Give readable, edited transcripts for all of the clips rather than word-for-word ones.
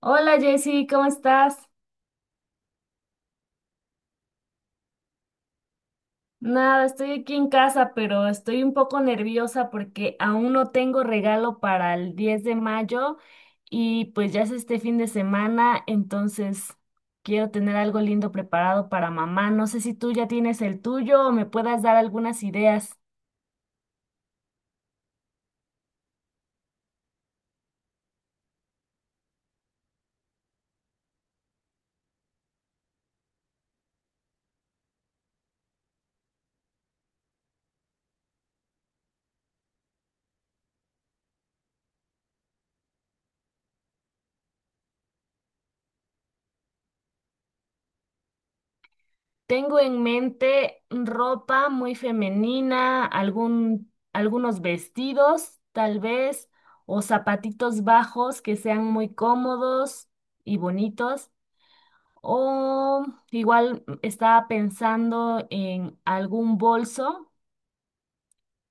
Hola Jessy, ¿cómo estás? Nada, estoy aquí en casa, pero estoy un poco nerviosa porque aún no tengo regalo para el 10 de mayo y pues ya es este fin de semana, entonces quiero tener algo lindo preparado para mamá. No sé si tú ya tienes el tuyo o me puedas dar algunas ideas. Tengo en mente ropa muy femenina, algunos vestidos, tal vez, o zapatitos bajos que sean muy cómodos y bonitos. O igual estaba pensando en algún bolso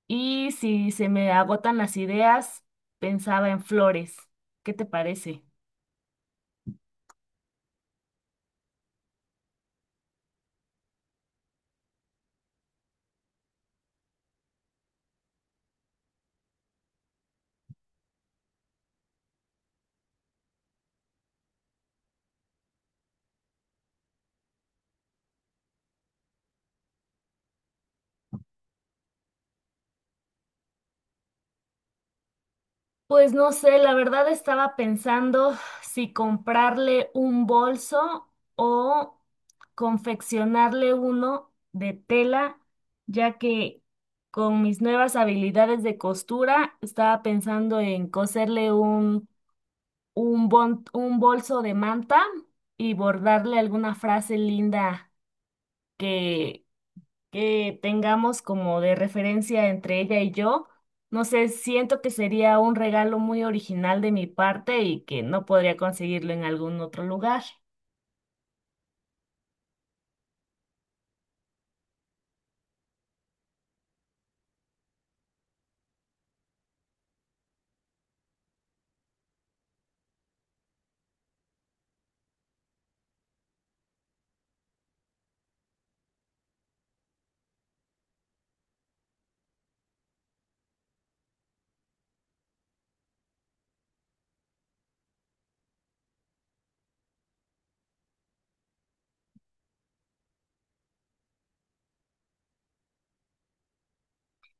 y si se me agotan las ideas, pensaba en flores. ¿Qué te parece? Pues no sé, la verdad estaba pensando si comprarle un bolso o confeccionarle uno de tela, ya que con mis nuevas habilidades de costura estaba pensando en coserle un bolso de manta y bordarle alguna frase linda que tengamos como de referencia entre ella y yo. No sé, siento que sería un regalo muy original de mi parte y que no podría conseguirlo en algún otro lugar.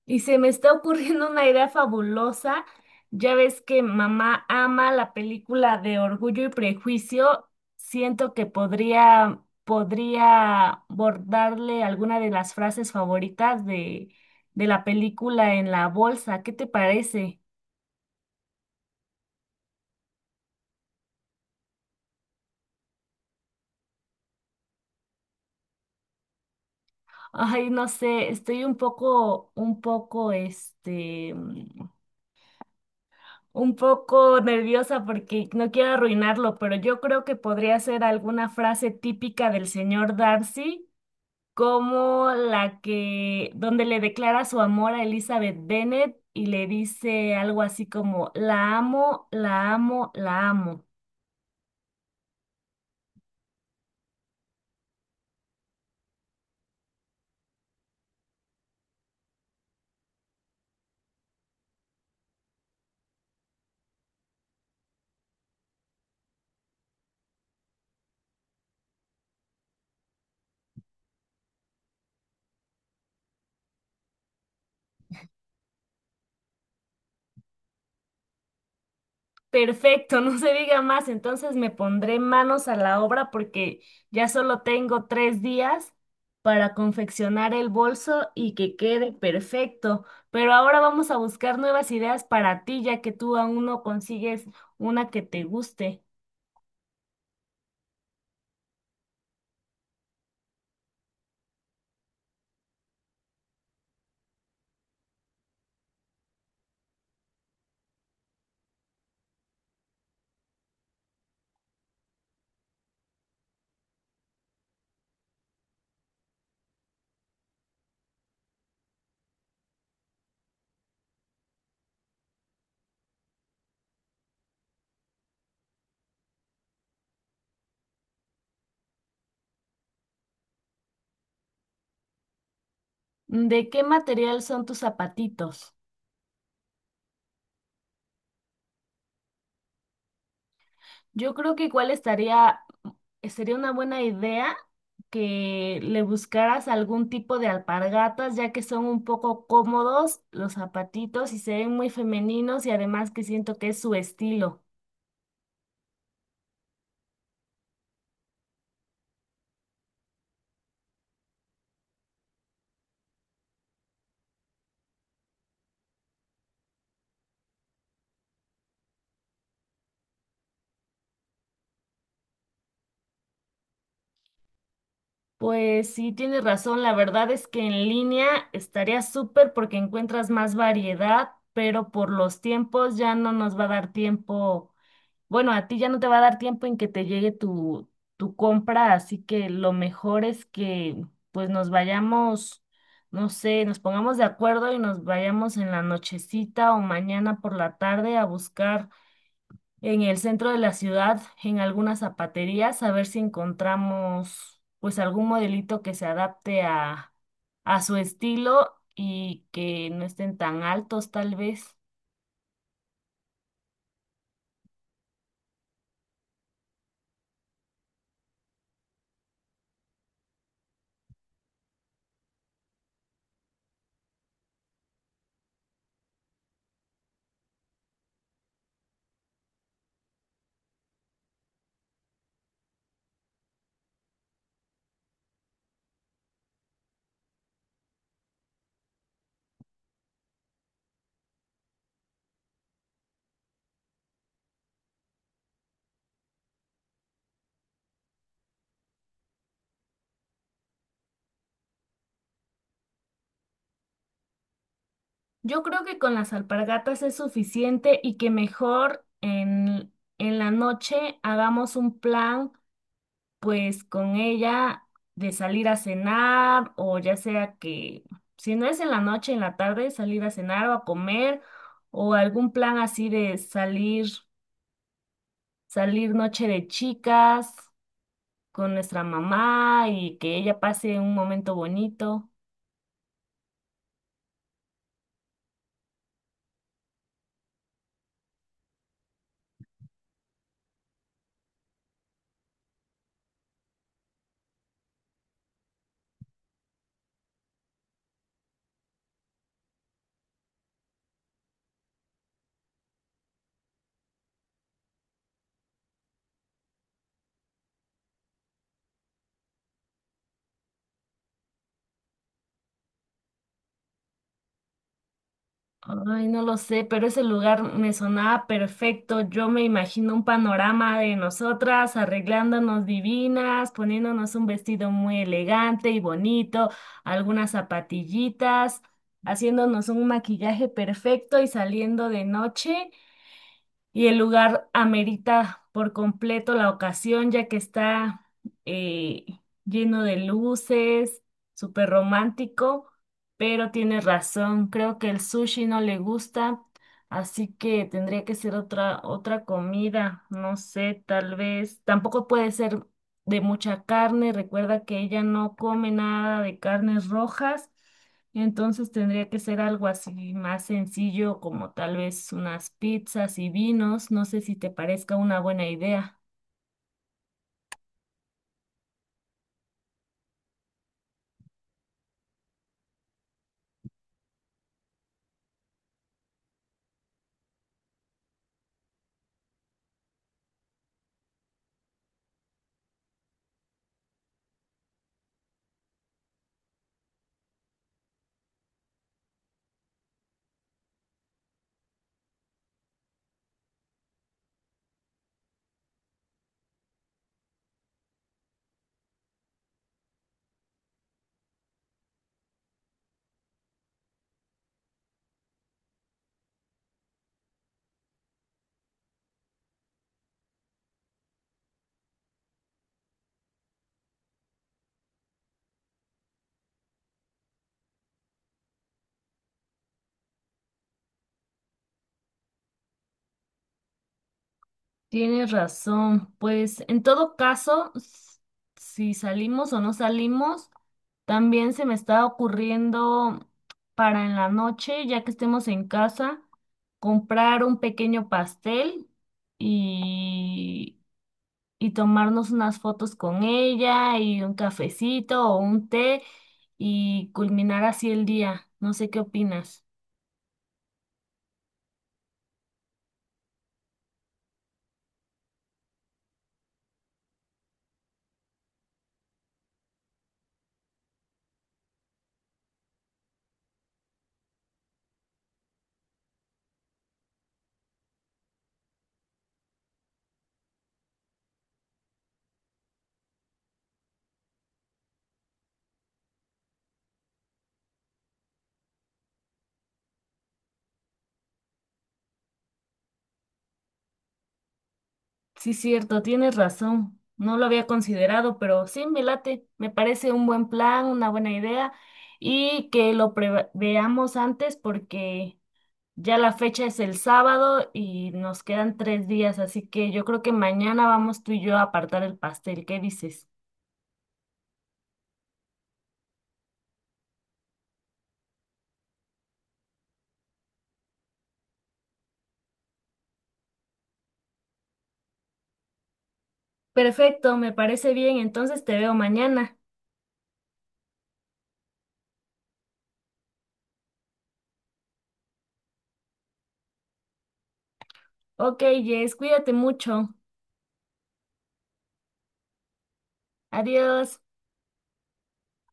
Y se me está ocurriendo una idea fabulosa. Ya ves que mamá ama la película de Orgullo y Prejuicio. Siento que podría bordarle alguna de las frases favoritas de la película en la bolsa. ¿Qué te parece? Ay, no sé, estoy un poco nerviosa porque no quiero arruinarlo, pero yo creo que podría ser alguna frase típica del señor Darcy, como donde le declara su amor a Elizabeth Bennet y le dice algo así como, la amo, la amo, la amo. Perfecto, no se diga más. Entonces me pondré manos a la obra porque ya solo tengo 3 días para confeccionar el bolso y que quede perfecto. Pero ahora vamos a buscar nuevas ideas para ti, ya que tú aún no consigues una que te guste. ¿De qué material son tus zapatitos? Yo creo que igual sería una buena idea que le buscaras algún tipo de alpargatas, ya que son un poco cómodos los zapatitos y se ven muy femeninos y además que siento que es su estilo. Pues sí, tienes razón, la verdad es que en línea estaría súper porque encuentras más variedad, pero por los tiempos ya no nos va a dar tiempo. Bueno, a ti ya no te va a dar tiempo en que te llegue tu compra, así que lo mejor es que pues nos vayamos, no sé, nos pongamos de acuerdo y nos vayamos en la nochecita o mañana por la tarde a buscar en el centro de la ciudad, en algunas zapaterías, a ver si encontramos pues algún modelito que se adapte a su estilo y que no estén tan altos tal vez. Yo creo que con las alpargatas es suficiente y que mejor en la noche hagamos un plan, pues con ella de salir a cenar o ya sea que, si no es en la noche, en la tarde, salir a cenar o a comer o algún plan así de salir, salir noche de chicas con nuestra mamá y que ella pase un momento bonito. Ay, no lo sé, pero ese lugar me sonaba perfecto. Yo me imagino un panorama de nosotras arreglándonos divinas, poniéndonos un vestido muy elegante y bonito, algunas zapatillitas, haciéndonos un maquillaje perfecto y saliendo de noche y el lugar amerita por completo la ocasión, ya que está eh, lleno de luces, súper romántico, pero tienes razón, creo que el sushi no le gusta, así que tendría que ser otra comida, no sé, tal vez, tampoco puede ser de mucha carne, recuerda que ella no come nada de carnes rojas. Entonces tendría que ser algo así más sencillo, como tal vez unas pizzas y vinos. No sé si te parezca una buena idea. Tienes razón. Pues en todo caso, si salimos o no salimos, también se me está ocurriendo para en la noche, ya que estemos en casa, comprar un pequeño pastel y y tomarnos unas fotos con ella y un cafecito o un té y culminar así el día. No sé qué opinas. Sí, cierto, tienes razón. No lo había considerado, pero sí, me late. Me parece un buen plan, una buena idea y que lo veamos antes porque ya la fecha es el sábado y nos quedan 3 días, así que yo creo que mañana vamos tú y yo a apartar el pastel. ¿Qué dices? Perfecto, me parece bien. Entonces te veo mañana. Ok, Jess, cuídate mucho. Adiós.